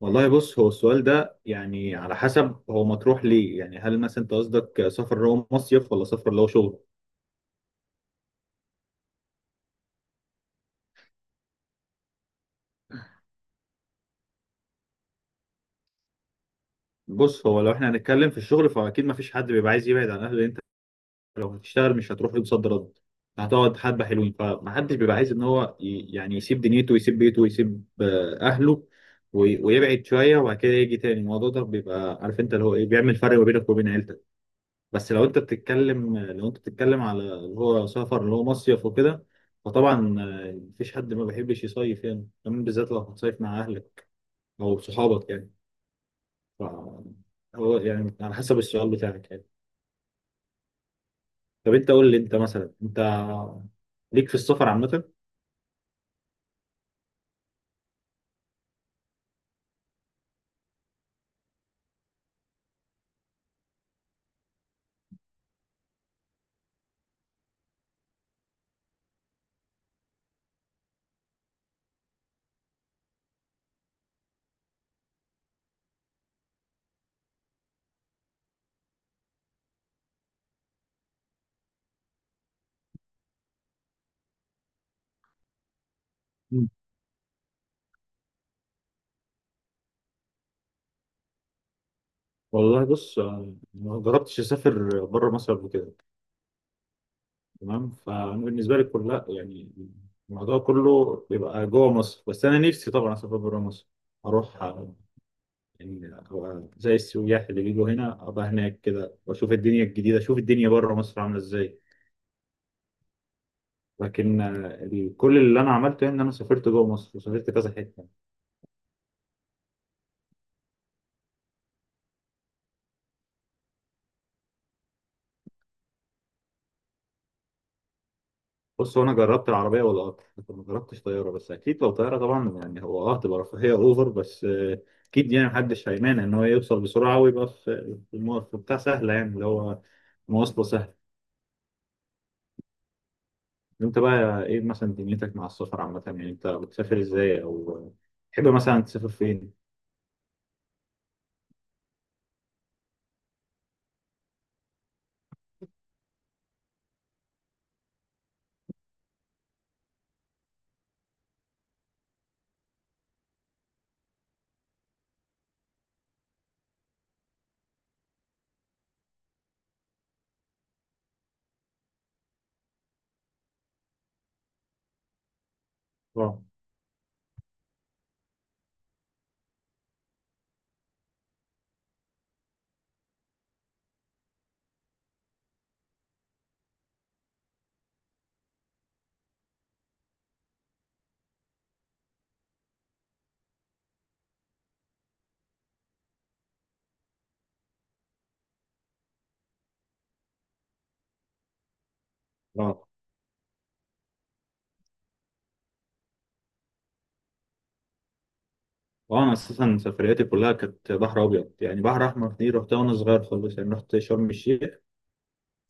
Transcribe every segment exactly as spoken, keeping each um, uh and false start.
والله بص، هو السؤال ده يعني على حسب، هو مطروح ليه؟ يعني هل مثلا انت قصدك سفر اللي هو مصيف ولا سفر اللي هو شغل؟ بص، هو لو احنا هنتكلم في الشغل فاكيد ما فيش حد بيبقى عايز يبعد عن اهله، لأن انت لو هتشتغل مش هتروح يوم صد رد، هتقعد حبه حلوين، فما حدش بيبقى عايز ان هو ي- يعني يسيب دنيته ويسيب بيته ويسيب آه، اهله وي- ويبعد شويه، وبعد كده يجي تاني الموضوع ده بيبقى عارف انت اللي هو ايه بيعمل فرق ما بينك وبين عيلتك. بس لو انت بتتكلم، لو انت بتتكلم على اللي هو سفر اللي هو مصيف وكده، فطبعا آه، مفيش حد ما بيحبش يصيف، يعني كمان بالذات لو هتصيف مع اهلك او صحابك يعني. ف هو يعني على حسب السؤال بتاعك يعني. طب انت قول لي، انت مثلا انت ليك في السفر عامة؟ مم. والله بص، آه، ما جربتش اسافر بره مصر قبل كده، تمام؟ فانا بالنسبه لي كلها يعني الموضوع كله بيبقى جوه مصر، بس انا نفسي طبعا اسافر بره مصر، اروح يعني أبقى زي السياح اللي بيجوا هنا، ابقى هناك كده واشوف الدنيا الجديده، اشوف الدنيا بره مصر عامله ازاي. لكن آه، ال- كل اللي انا عملته يعني ان انا سافرت جوه مصر وسافرت كذا حته. بص، هو انا جربت العربيه والقطر لكن ما جربتش طياره، بس اكيد لو طياره طبعا يعني هو اه هتبقى رفاهيه اوفر، بس آه، اكيد يعني محدش هيمانع ان هو يوصل بسرعه ويبقى في في الم- في بتاع سهله يعني، اللي هو مواصله سهله. انت بقى ايه مثلا دنيتك مع السفر عامه؟ يعني انت بتسافر ازاي، او آه، تحب مثلا تسافر فين؟ اه اه اه انا اساسا سفرياتي كلها كانت بحر ابيض، يعني بحر احمر دي رحتها وانا صغير خالص، يعني رحت شرم الشيخ،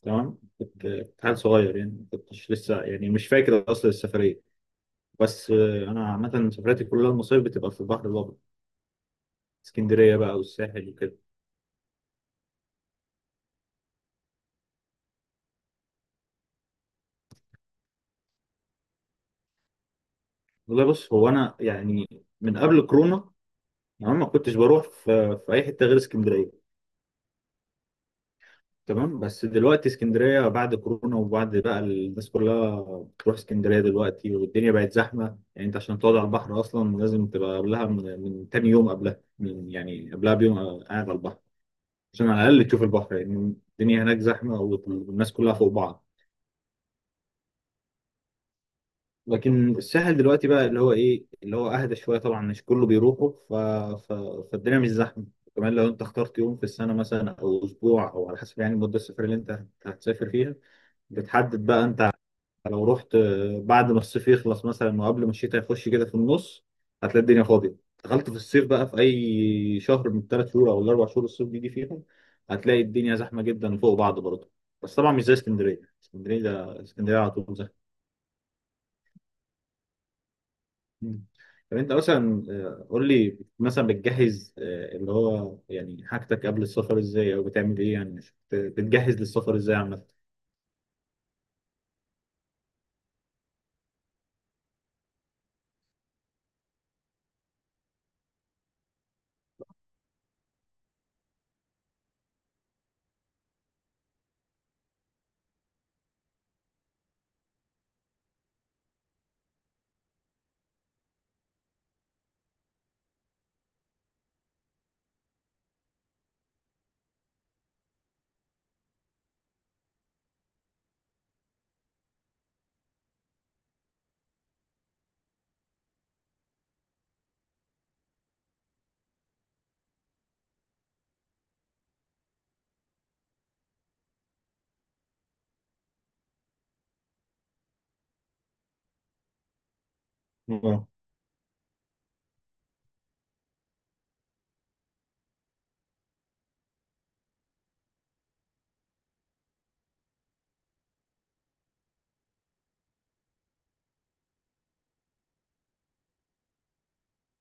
تمام؟ كنت كنت حال صغير يعني، ما كنتش لسه يعني مش فاكر اصل السفريه. بس آه، انا عامه سفرياتي كلها المصايف بتبقى في البحر الابيض، اسكندريه بقى والساحل وكده. والله بص، هو انا يعني من قبل كورونا انا ما كنتش بروح في, في اي حته غير اسكندريه، تمام؟ بس دلوقتي اسكندرية بعد كورونا وبعد بقى الناس كلها بتروح اسكندرية دلوقتي، والدنيا بقت زحمة. يعني انت عشان تقعد على البحر اصلا لازم تبقى قبلها من, من تاني يوم، قبلها من يعني قبلها بيوم قاعد على البحر، عشان على الاقل تشوف البحر، لان يعني الدنيا هناك زحمة والناس كلها فوق بعض. لكن الساحل دلوقتي بقى اللي هو ايه، اللي هو اهدى شوية، طبعا مش كله بيروحوا، ف... ف... فالدنيا مش زحمة. كمان لو انت اخترت يوم في السنة مثلا او اسبوع، او على حسب يعني مدة السفر اللي انت هتسافر فيها بتحدد بقى انت. لو رحت آه، بعد ما الصيف يخلص مثلا وقبل ما الشتاء يخش كده في النص، هتلاقي الدنيا فاضية. دخلت في الصيف بقى في أي شهر من الثلاث شهور أو الأربع شهور الصيف بيجي فيهم، هتلاقي الدنيا زحمة جدا فوق بعض برضه، بس طبعا مش زي اسكندرية. اسكندرية ده اسكندرية على طول زحمة. مم. طب أنت مثلا، آه، قول لي مثلا، بتجهز آه، اللي هو يعني حاجتك قبل السفر إزاي، أو بتعمل إيه يعني؟ بت- بتجهز للسفر إزاي عامة؟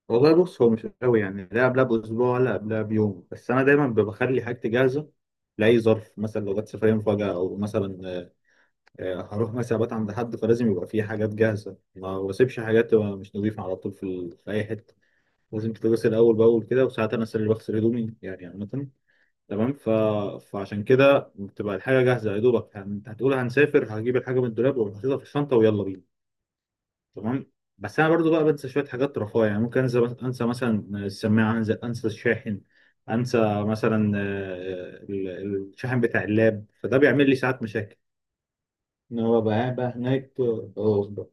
والله بص، هو مش قوي يعني، لا قبلها باسبوع ولا قبلها بيوم، بس انا دايما ب- بخلي حاجتي جاهزه لاي ظرف، مثلا لو جت سفريه مفاجاه، او مثلا آه، آه، هروح مثلا ابات عند حد، فلازم يبقى في حاجات جاهزه، ما بسيبش حاجات تبقى مش نظيفه على طول في ال... في اي حته، لازم تتغسل اول باول كده. وساعات انا أصل اللي بغسل هدومي يعني عامه، تمام؟ ف... فعشان كده بتبقى الحاجه جاهزه، يا دوبك هن- انت هتقول هنسافر، هجيب الحاجه من الدولاب وحاططها في الشنطه ويلا بينا، تمام؟ بس انا برضو بقى بنسى شويه حاجات رفاهيه، يعني ممكن انسى انسى مثلا السماعه، انسى انسى الشاحن، انسى مثلا آه، ال- الشاحن بتاع اللاب، فده بيعمل لي ساعات مشاكل ان هو بقى قاعد بقى هناك. اه.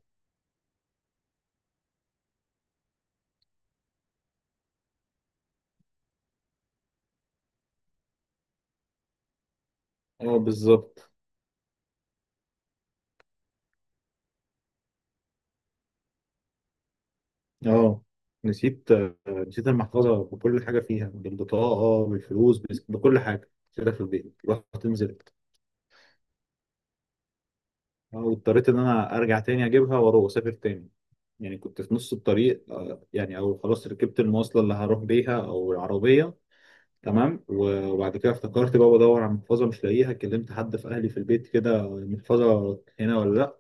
اه، بالظبط. اه، نسيت آه، نسيت المحفظه بكل حاجه فيها، بالبطاقه آه، بالفلوس، بس- بكل حاجه كده في البيت. رحت نزلت، آه، واضطريت ان انا ارجع تاني اجيبها واروح اسافر تاني، يعني كنت في نص الطريق، آه، يعني او خلاص ركبت المواصله اللي هروح بيها او العربيه، تمام؟ و- وبعد كده افتكرت بقى بدور على محفظه مش لاقيها، كلمت حد في اهلي في البيت كده محفظه هنا ولا لا،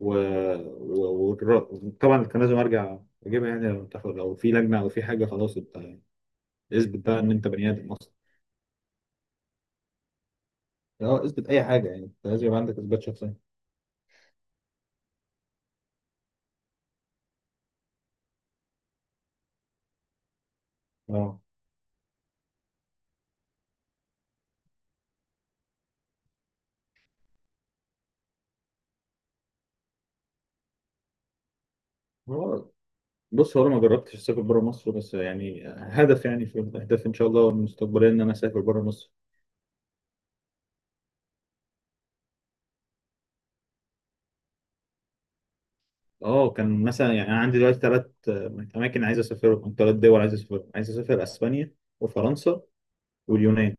وطبعا كان لازم ارجع اجيبها يعني. لو تاخد- لو في لجنه او في حاجه خلاص، انت يعني اثبت بقى ان انت بني ادم اصلا. اه، اثبت اي حاجه يعني، انت لازم يبقى عندك اثبات شخصيه. اه، هو- بص، هو انا ما جربتش اسافر بره مصر، بس يعني هدف، يعني في الاهداف ان شاء الله المستقبليه ان انا اسافر بره مصر. اه، كان مثلا يعني انا عندي دلوقتي ثلاث اماكن عايز اسافرهم، او ثلاث دول عايز اسافرهم. عايز اسافر اسبانيا وفرنسا واليونان.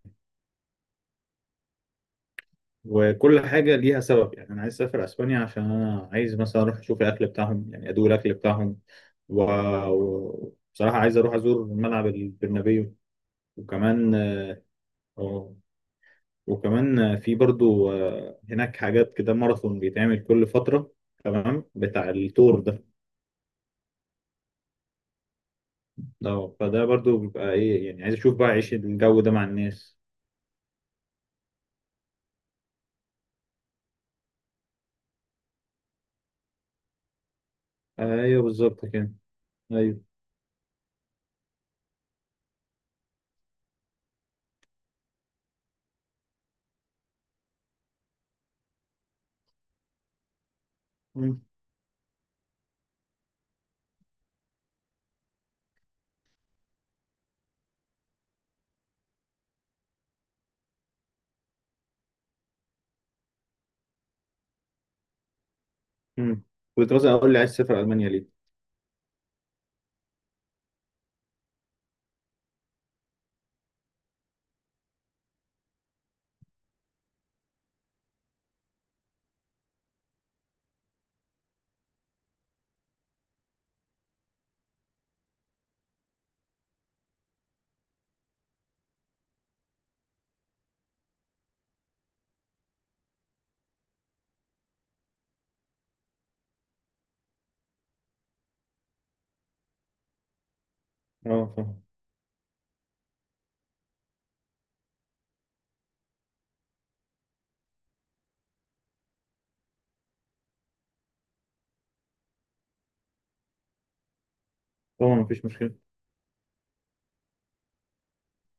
وكل حاجه ليها سبب يعني، انا عايز اسافر اسبانيا عشان انا عايز مثلا اروح اشوف الاكل بتاعهم، يعني ادوق الاكل بتاعهم. و- و- وبصراحه عايز اروح ازور ملعب البرنابيو، وكمان. اه وكمان في برضو آه، هناك حاجات كده ماراثون بيتعمل كل فتره، تمام؟ بتاع التور ده. اه، فده برضو بيبقى ايه يعني، عايز اشوف بقى عيش الجو ده مع الناس. ايوه، بالظبط كده. ايوه. مم. مم. كنت مثلا اقول لي، عايز تسافر المانيا ليه؟ اه، فاهم. طبعا مفيش مشكله.